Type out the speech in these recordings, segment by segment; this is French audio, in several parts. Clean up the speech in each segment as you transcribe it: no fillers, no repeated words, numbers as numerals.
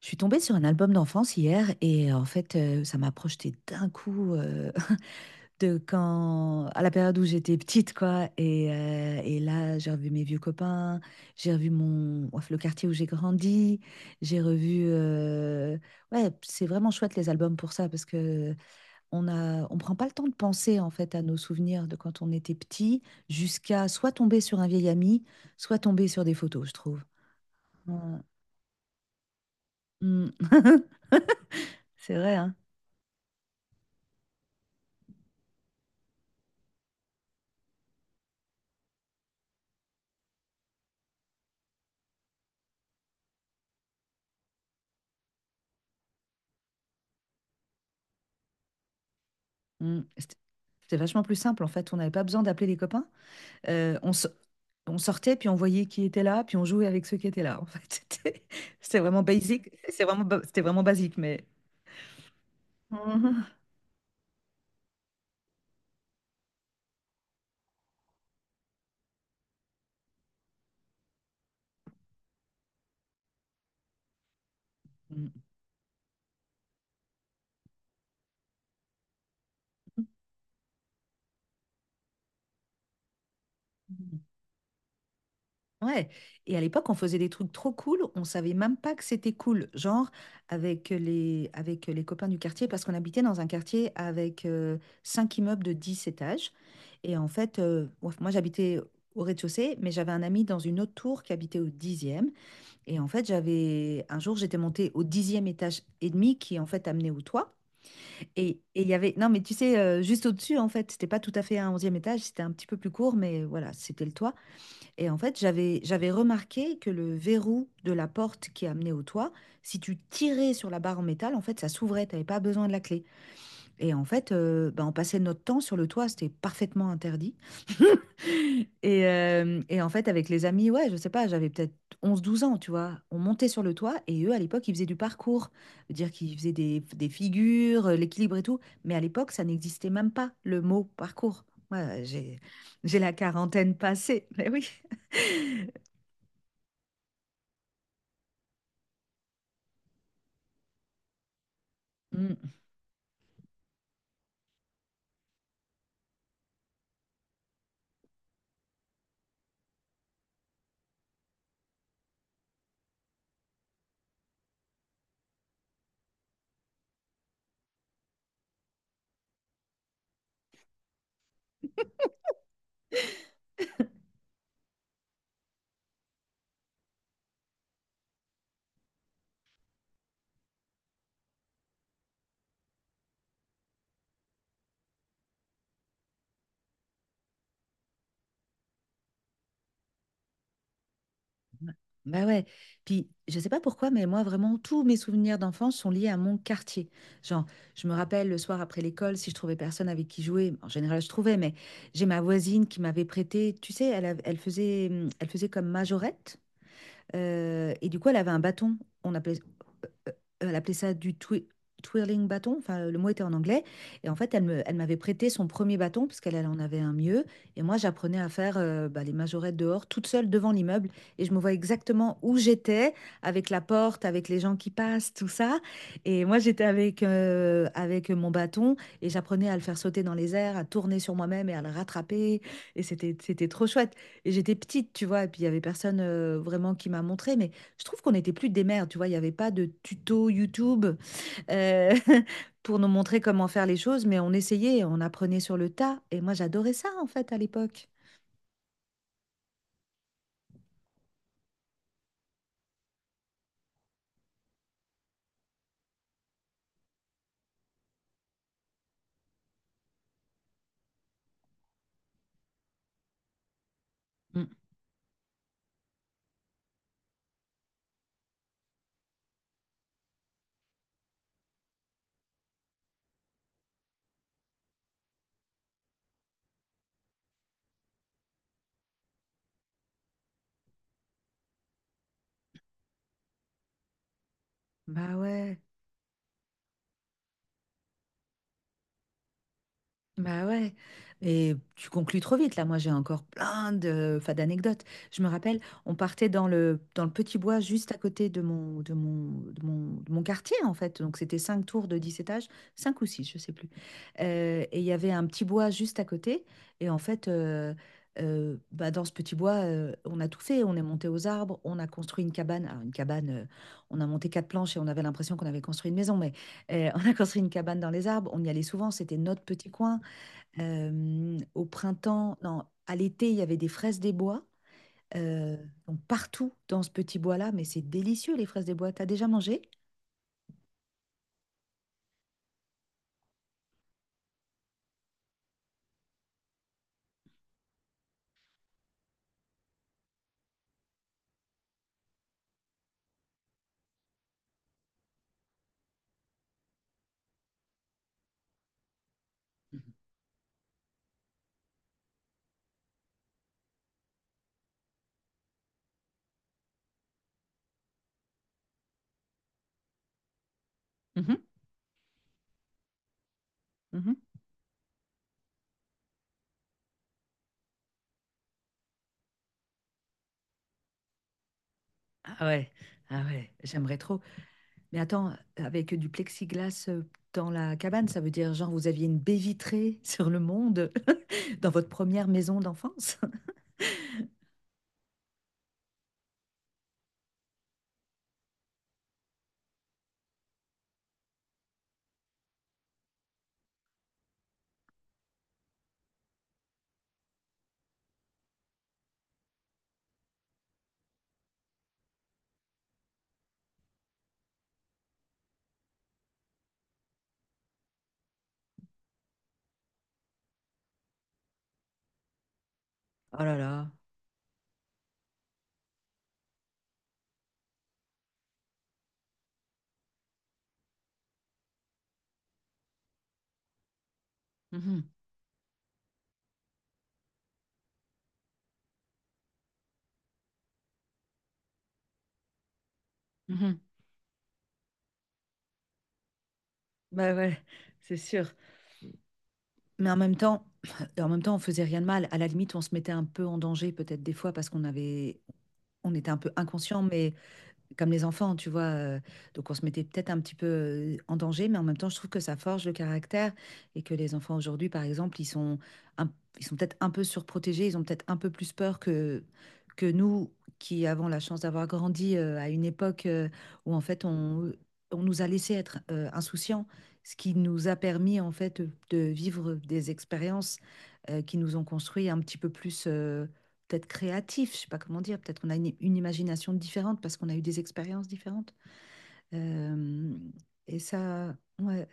Je suis tombée sur un album d'enfance hier et en fait, ça m'a projeté d'un coup de quand à la période où j'étais petite, quoi. Et là, j'ai revu mes vieux copains, j'ai revu mon ouf, le quartier où j'ai grandi, j'ai revu. Ouais, c'est vraiment chouette les albums pour ça parce que on prend pas le temps de penser en fait à nos souvenirs de quand on était petit jusqu'à soit tomber sur un vieil ami, soit tomber sur des photos, je trouve. Ouais. Mm. C'est vrai, hein. Mm. C'était vachement plus simple en fait. On n'avait pas besoin d'appeler des copains. Euh, on, so- on sortait, puis on voyait qui était là, puis on jouait avec ceux qui étaient là. En fait, c'était vraiment basique. C'était vraiment basique, mais. Mhm. Mm. Ouais, et à l'époque, on faisait des trucs trop cool, on savait même pas que c'était cool, genre avec les copains du quartier, parce qu'on habitait dans un quartier avec cinq immeubles de 10 étages. Et en fait, j'habitais au rez-de-chaussée, mais j'avais un ami dans une autre tour qui habitait au dixième. Et en fait, j'avais un jour, j'étais montée au dixième étage et demi, qui en fait amenait au toit. Et il y avait, non, Mais tu sais, juste au-dessus, en fait, c'était pas tout à fait un onzième étage, c'était un petit peu plus court, mais voilà, c'était le toit. Et en fait, j'avais remarqué que le verrou de la porte qui amenait au toit, si tu tirais sur la barre en métal, en fait, ça s'ouvrait, t'avais pas besoin de la clé. Et en fait, bah, on passait notre temps sur le toit, c'était parfaitement interdit. Et en fait, avec les amis, ouais, je sais pas, j'avais peut-être onze douze ans, tu vois. On montait sur le toit et eux, à l'époque, ils faisaient du parcours. Dire qu'ils faisaient des figures, l'équilibre et tout. Mais à l'époque, ça n'existait même pas, le mot parcours. Moi, j'ai la quarantaine passée, mais oui. Ouais. Bah ouais. Puis, je sais pas pourquoi, mais moi, vraiment, tous mes souvenirs d'enfance sont liés à mon quartier. Genre, je me rappelle le soir après l'école, si je trouvais personne avec qui jouer, en général, je trouvais, mais j'ai ma voisine qui m'avait prêté, tu sais, elle faisait comme majorette. Et du coup, elle avait un bâton. On appelait, elle appelait ça du twirling bâton. Enfin, le mot était en anglais. Et en fait, elle m'avait prêté son premier bâton parce qu'elle elle en avait un mieux. Et moi, j'apprenais à faire bah, les majorettes dehors, toute seule devant l'immeuble. Et je me vois exactement où j'étais, avec la porte, avec les gens qui passent, tout ça. Et moi, j'étais avec, avec mon bâton et j'apprenais à le faire sauter dans les airs, à tourner sur moi-même et à le rattraper. C'était trop chouette. Et j'étais petite, tu vois, et puis il y avait personne vraiment qui m'a montré, mais je trouve qu'on n'était plus des mères, tu vois, il n'y avait pas de tuto YouTube euh, pour nous montrer comment faire les choses, mais on essayait, on apprenait sur le tas, et moi j'adorais ça en fait à l'époque. Mm. Bah ouais. Bah ouais, et tu conclus trop vite là. Moi, j'ai encore plein de, enfin, d'anecdotes. Je me rappelle, on partait dans le petit bois juste à côté de mon quartier en fait. Donc c'était cinq tours de 10 étages, cinq ou six, je sais plus. Et il y avait un petit bois juste à côté. Et en fait, bah, dans ce petit bois, on a tout fait. On est monté aux arbres, on a construit une cabane. Alors, une cabane, on a monté quatre planches et on avait l'impression qu'on avait construit une maison, mais on a construit une cabane dans les arbres. On y allait souvent. C'était notre petit coin. Au printemps, non, à l'été, il y avait des fraises des bois. euh, donc partout dans ce petit bois-là, mais c'est délicieux les fraises des bois. T'as déjà mangé? Mhm, mhm. Ah ouais, ah ouais, j'aimerais trop. Mais attends, avec du plexiglas dans la cabane, ça veut dire genre vous aviez une baie vitrée sur le monde dans votre première maison d'enfance? Oh là là. Mhm, mhm. Bah ouais, c'est sûr. Mais en même temps, en même temps, on faisait rien de mal. À la limite, on se mettait un peu en danger peut-être des fois parce on était un peu inconscient, mais comme les enfants, tu vois. Donc on se mettait peut-être un petit peu en danger, mais en même temps, je trouve que ça forge le caractère et que les enfants aujourd'hui, par exemple, un- ils sont peut-être un peu surprotégés, ils ont peut-être un peu plus peur que nous qui avons la chance d'avoir grandi à une époque où on nous a laissé être insouciants, ce qui nous a permis en fait de vivre des expériences qui nous ont construit un petit peu plus peut-être créatif, je sais pas comment dire, peut-être qu'on a une imagination différente parce qu'on a eu des expériences différentes. Euh, et ça, ouais.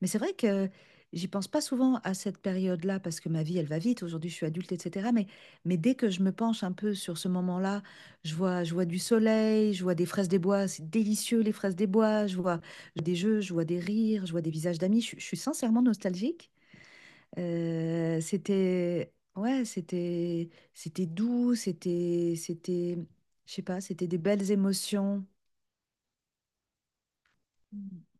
Mais c'est vrai que j'y pense pas souvent à cette période-là parce que ma vie, elle va vite. Aujourd'hui, je suis adulte, etc. Mais dès que je me penche un peu sur ce moment-là, je vois du soleil, je vois des fraises des bois, c'est délicieux les fraises des bois, je vois des jeux, je vois des rires, je vois des visages d'amis. Je suis sincèrement nostalgique. C'était c'était doux, c'était je sais pas, c'était des belles émotions. Mm.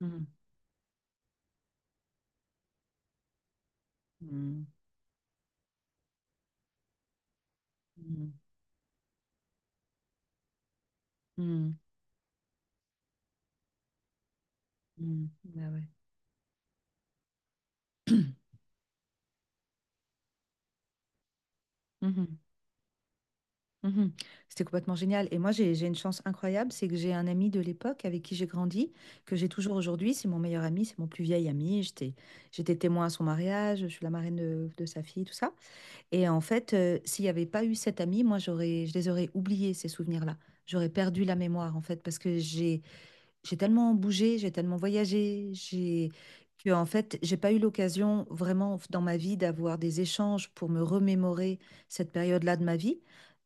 Mm. Mm. Mm. Mm. Mm. Ah ouais. Mhm. Mhm. C'était complètement génial. Et moi, j'ai une chance incroyable, c'est que j'ai un ami de l'époque avec qui j'ai grandi, que j'ai toujours aujourd'hui. C'est mon meilleur ami, c'est mon plus vieil ami. J'étais témoin à son mariage, je suis la marraine de sa fille, tout ça. Et en fait, s'il n'y avait pas eu cette amie, moi, je les aurais oubliés, ces souvenirs-là. J'aurais perdu la mémoire, en fait, parce que j'ai tellement bougé, j'ai tellement voyagé, j'ai que en fait, j'ai pas eu l'occasion vraiment dans ma vie d'avoir des échanges pour me remémorer cette période-là de ma vie.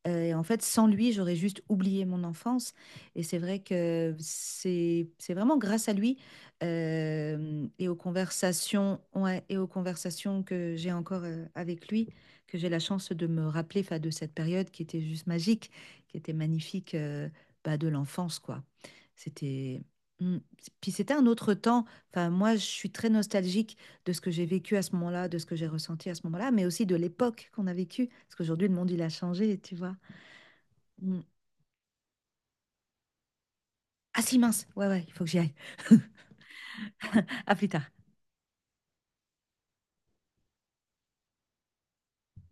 Et en fait, sans lui, j'aurais juste oublié mon enfance. Et c'est vrai que c'est vraiment grâce à lui et aux conversations que j'ai encore avec lui que j'ai la chance de me rappeler 'fin, de cette période qui était juste magique, qui était magnifique bah, de l'enfance, quoi. C'était Mm. Puis c'était un autre temps. Enfin, moi, je suis très nostalgique de ce que j'ai vécu à ce moment-là, de ce que j'ai ressenti à ce moment-là, mais aussi de l'époque qu'on a vécue. Parce qu'aujourd'hui, le monde, il a changé, tu vois. Mm. Ah si, mince. Ouais, ouais, il faut que j'y aille. À plus tard.